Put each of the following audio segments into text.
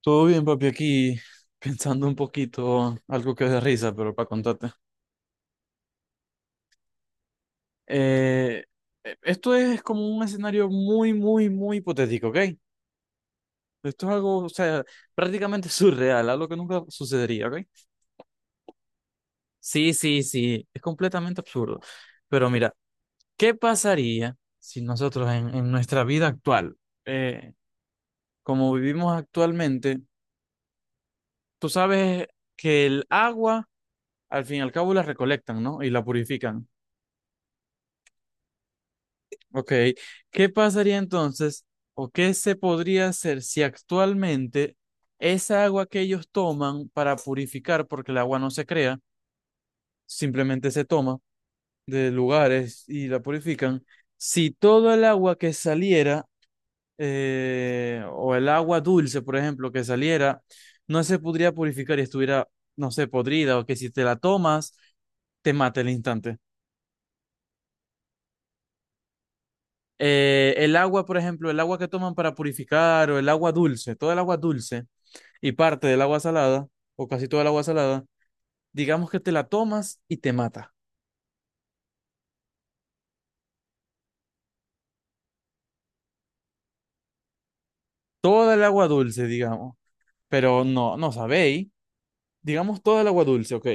Todo bien, papi, aquí pensando un poquito, algo que es de risa, pero para contarte. Eh, Esto es como un escenario muy, muy, muy hipotético, ¿ok? Esto es algo, o sea, prácticamente surreal, algo que nunca sucedería, ¿ok? Sí, sí, sí, es completamente absurdo. Pero mira, ¿qué pasaría si nosotros en nuestra vida actual, eh, como vivimos actualmente, tú sabes que el agua, al fin y al cabo, la recolectan, ¿no? Y la purifican. Ok, ¿qué pasaría entonces o qué se podría hacer si actualmente esa agua que ellos toman para purificar, porque el agua no se crea, simplemente se toma de lugares y la purifican, si todo el agua que saliera, o el agua dulce, por ejemplo, que saliera, no se podría purificar y estuviera, no sé, podrida, o que si te la tomas, ¿te mata el instante? El agua, por ejemplo, el agua que toman para purificar o el agua dulce, toda el agua dulce y parte del agua salada, o casi toda el agua salada, digamos que te la tomas y te mata. Toda el agua dulce, digamos, pero no, no sabéis. Digamos toda el agua dulce, ok.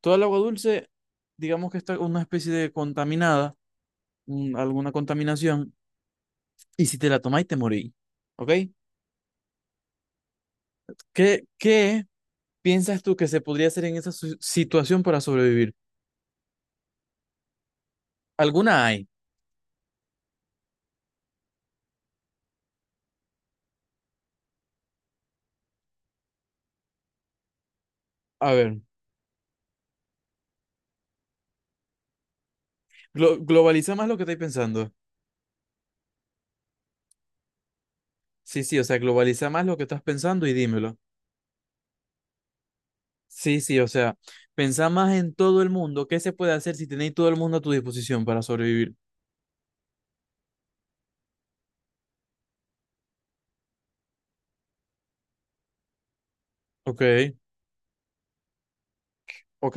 Toda el agua dulce, digamos que está una especie de contaminada, alguna contaminación, y si te la tomáis te morís, ok. ¿Qué piensas tú que se podría hacer en esa situación para sobrevivir? ¿Alguna hay? A ver. Globaliza más lo que estáis pensando. Sí, sí, o sea, globaliza más lo que estás pensando y dímelo. Sí, sí, o sea, pensá más en todo el mundo. ¿Qué se puede hacer si tenéis todo el mundo a tu disposición para sobrevivir? Ok, ok.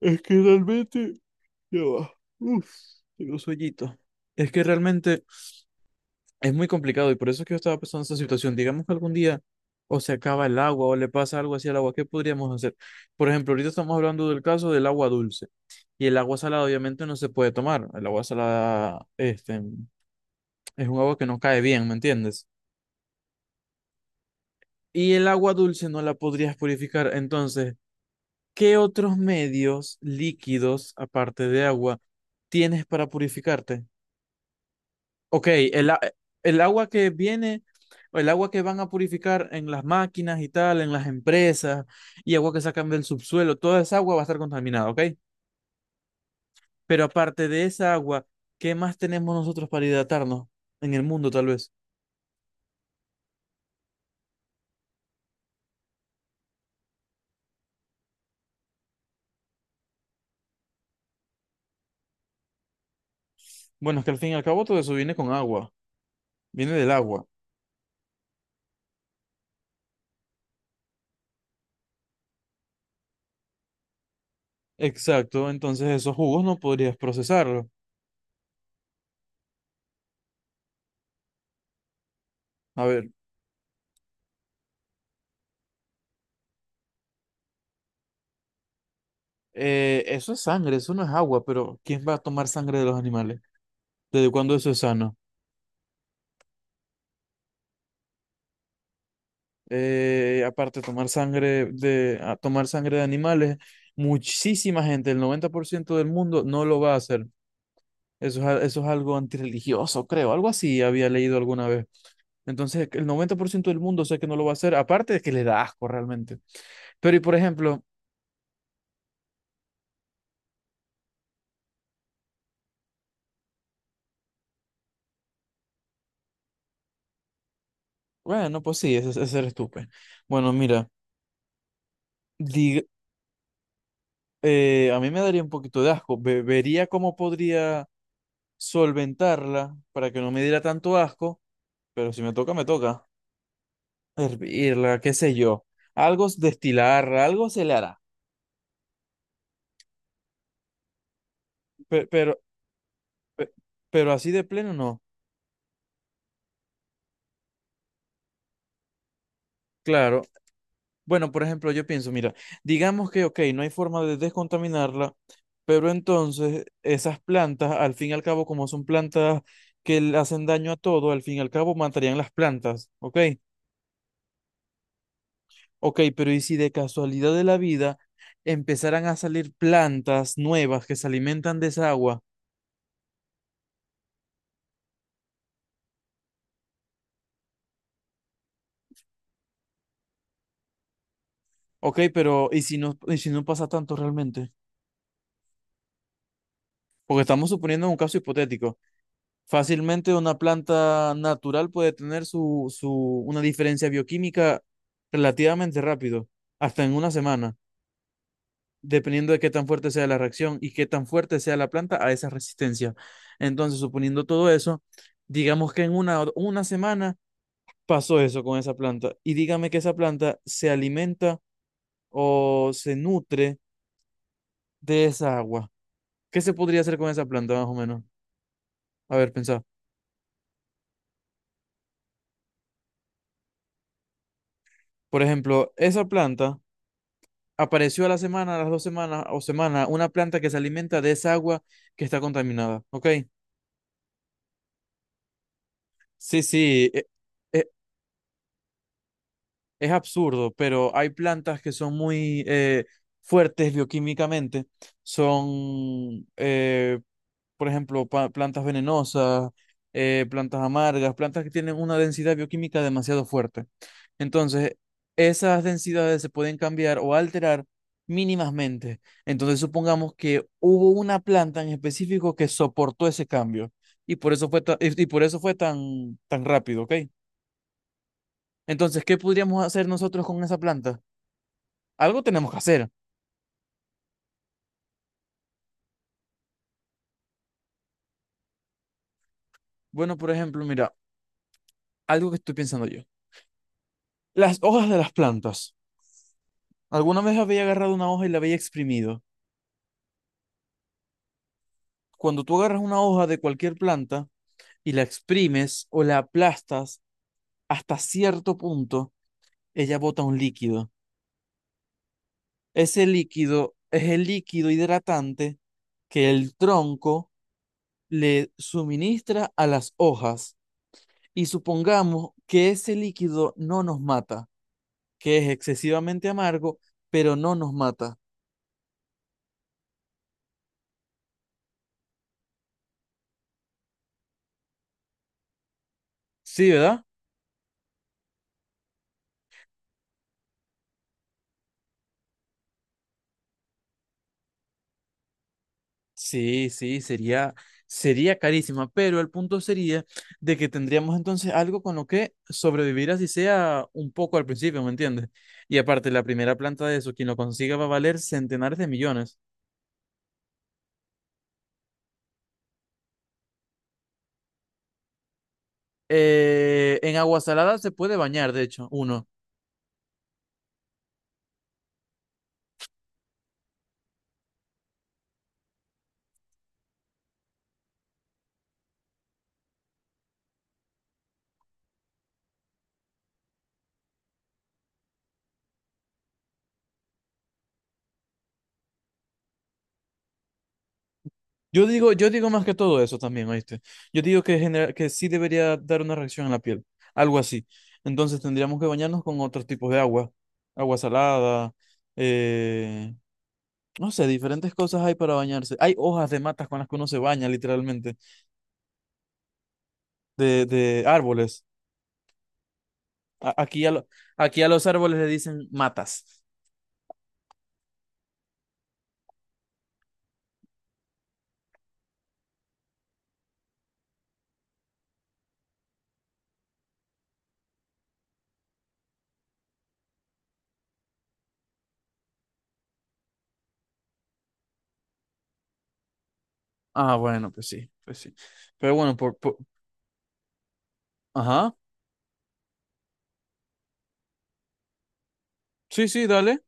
Es que realmente... Ya va. Uf, tengo sueñito. Es que realmente es muy complicado y por eso es que yo estaba pensando en esa situación. Digamos que algún día o se acaba el agua o le pasa algo así al agua, ¿qué podríamos hacer? Por ejemplo, ahorita estamos hablando del caso del agua dulce. Y el agua salada obviamente no se puede tomar. El agua salada, este, es un agua que no cae bien, ¿me entiendes? Y el agua dulce no la podrías purificar. Entonces, ¿qué otros medios líquidos, aparte de agua, tienes para purificarte? Ok, el agua que viene, o el agua que van a purificar en las máquinas y tal, en las empresas, y agua que sacan del subsuelo, toda esa agua va a estar contaminada, ¿ok? Pero aparte de esa agua, ¿qué más tenemos nosotros para hidratarnos en el mundo, tal vez? Bueno, es que al fin y al cabo todo eso viene con agua, viene del agua. Exacto, entonces esos jugos no podrías procesarlos. A ver, eso es sangre, eso no es agua, pero ¿quién va a tomar sangre de los animales? ¿Desde cuándo eso es sano? Aparte, a tomar sangre de animales, muchísima gente, el 90% del mundo no lo va a hacer. Eso es algo antirreligioso, creo, algo así había leído alguna vez. Entonces, el 90% del mundo sé que no lo va a hacer, aparte de que le da asco realmente. Pero, y por ejemplo, bueno, pues sí, ese eres tú, pues. Bueno, mira, dig- a mí me daría un poquito de asco. Vería cómo podría solventarla para que no me diera tanto asco, pero si me toca, me toca. Hervirla, qué sé yo. Destilarla, algo se le hará. Pe- Pero, pe- pero, así de pleno no. Claro, bueno, por ejemplo, yo pienso, mira, digamos que, ok, no hay forma de descontaminarla, pero entonces esas plantas, al fin y al cabo, como son plantas que le hacen daño a todo, al fin y al cabo matarían las plantas, ¿ok? Ok, pero ¿y si de casualidad de la vida empezaran a salir plantas nuevas que se alimentan de esa agua? Ok, pero y si no pasa tanto realmente? Porque estamos suponiendo un caso hipotético. Fácilmente una planta natural puede tener una diferencia bioquímica relativamente rápido, hasta en una semana, dependiendo de qué tan fuerte sea la reacción y qué tan fuerte sea la planta a esa resistencia. Entonces, suponiendo todo eso, digamos que en una semana pasó eso con esa planta y dígame que esa planta se alimenta o se nutre de esa agua. ¿Qué se podría hacer con esa planta más o menos? A ver, pensá. Por ejemplo, esa planta apareció a la semana, a las dos semanas o semana, una planta que se alimenta de esa agua que está contaminada. ¿Ok? Sí, sí. e- Es absurdo, pero hay plantas que son muy fuertes bioquímicamente. Son, por ejemplo, plantas venenosas, plantas amargas, plantas que tienen una densidad bioquímica demasiado fuerte. Entonces, esas densidades se pueden cambiar o alterar mínimamente. Entonces, supongamos que hubo una planta en específico que soportó ese cambio y por eso fue, y por eso fue tan rápido, ¿ok? Entonces, ¿qué podríamos hacer nosotros con esa planta? Algo tenemos que hacer. Bueno, por ejemplo, mira, algo que estoy pensando yo. Las hojas de las plantas. Alguna vez había agarrado una hoja y la había exprimido. Cuando tú agarras una hoja de cualquier planta y la exprimes o la aplastas hasta cierto punto, ella bota un líquido. Ese líquido es el líquido hidratante que el tronco le suministra a las hojas. Y supongamos que ese líquido no nos mata, que es excesivamente amargo, pero no nos mata. Sí, ¿verdad? Sí, sí, sería, sería carísima, pero el punto sería de que tendríamos entonces algo con lo que sobrevivir así sea un poco al principio, ¿me entiendes? Y aparte, la primera planta de eso, quien lo consiga va a valer centenares de millones. En agua salada se puede bañar, de hecho, uno. Yo digo más que todo eso también, ¿oíste? Yo digo que, que sí debería dar una reacción en la piel, algo así. Entonces tendríamos que bañarnos con otros tipos de agua, agua salada, eh. No sé, diferentes cosas hay para bañarse. Hay hojas de matas con las que uno se baña, literalmente, de árboles. Aquí, aquí a los árboles le dicen matas. Ah, bueno, pues sí, pues sí. Pero bueno, por... Ajá. Sí, sí, dale.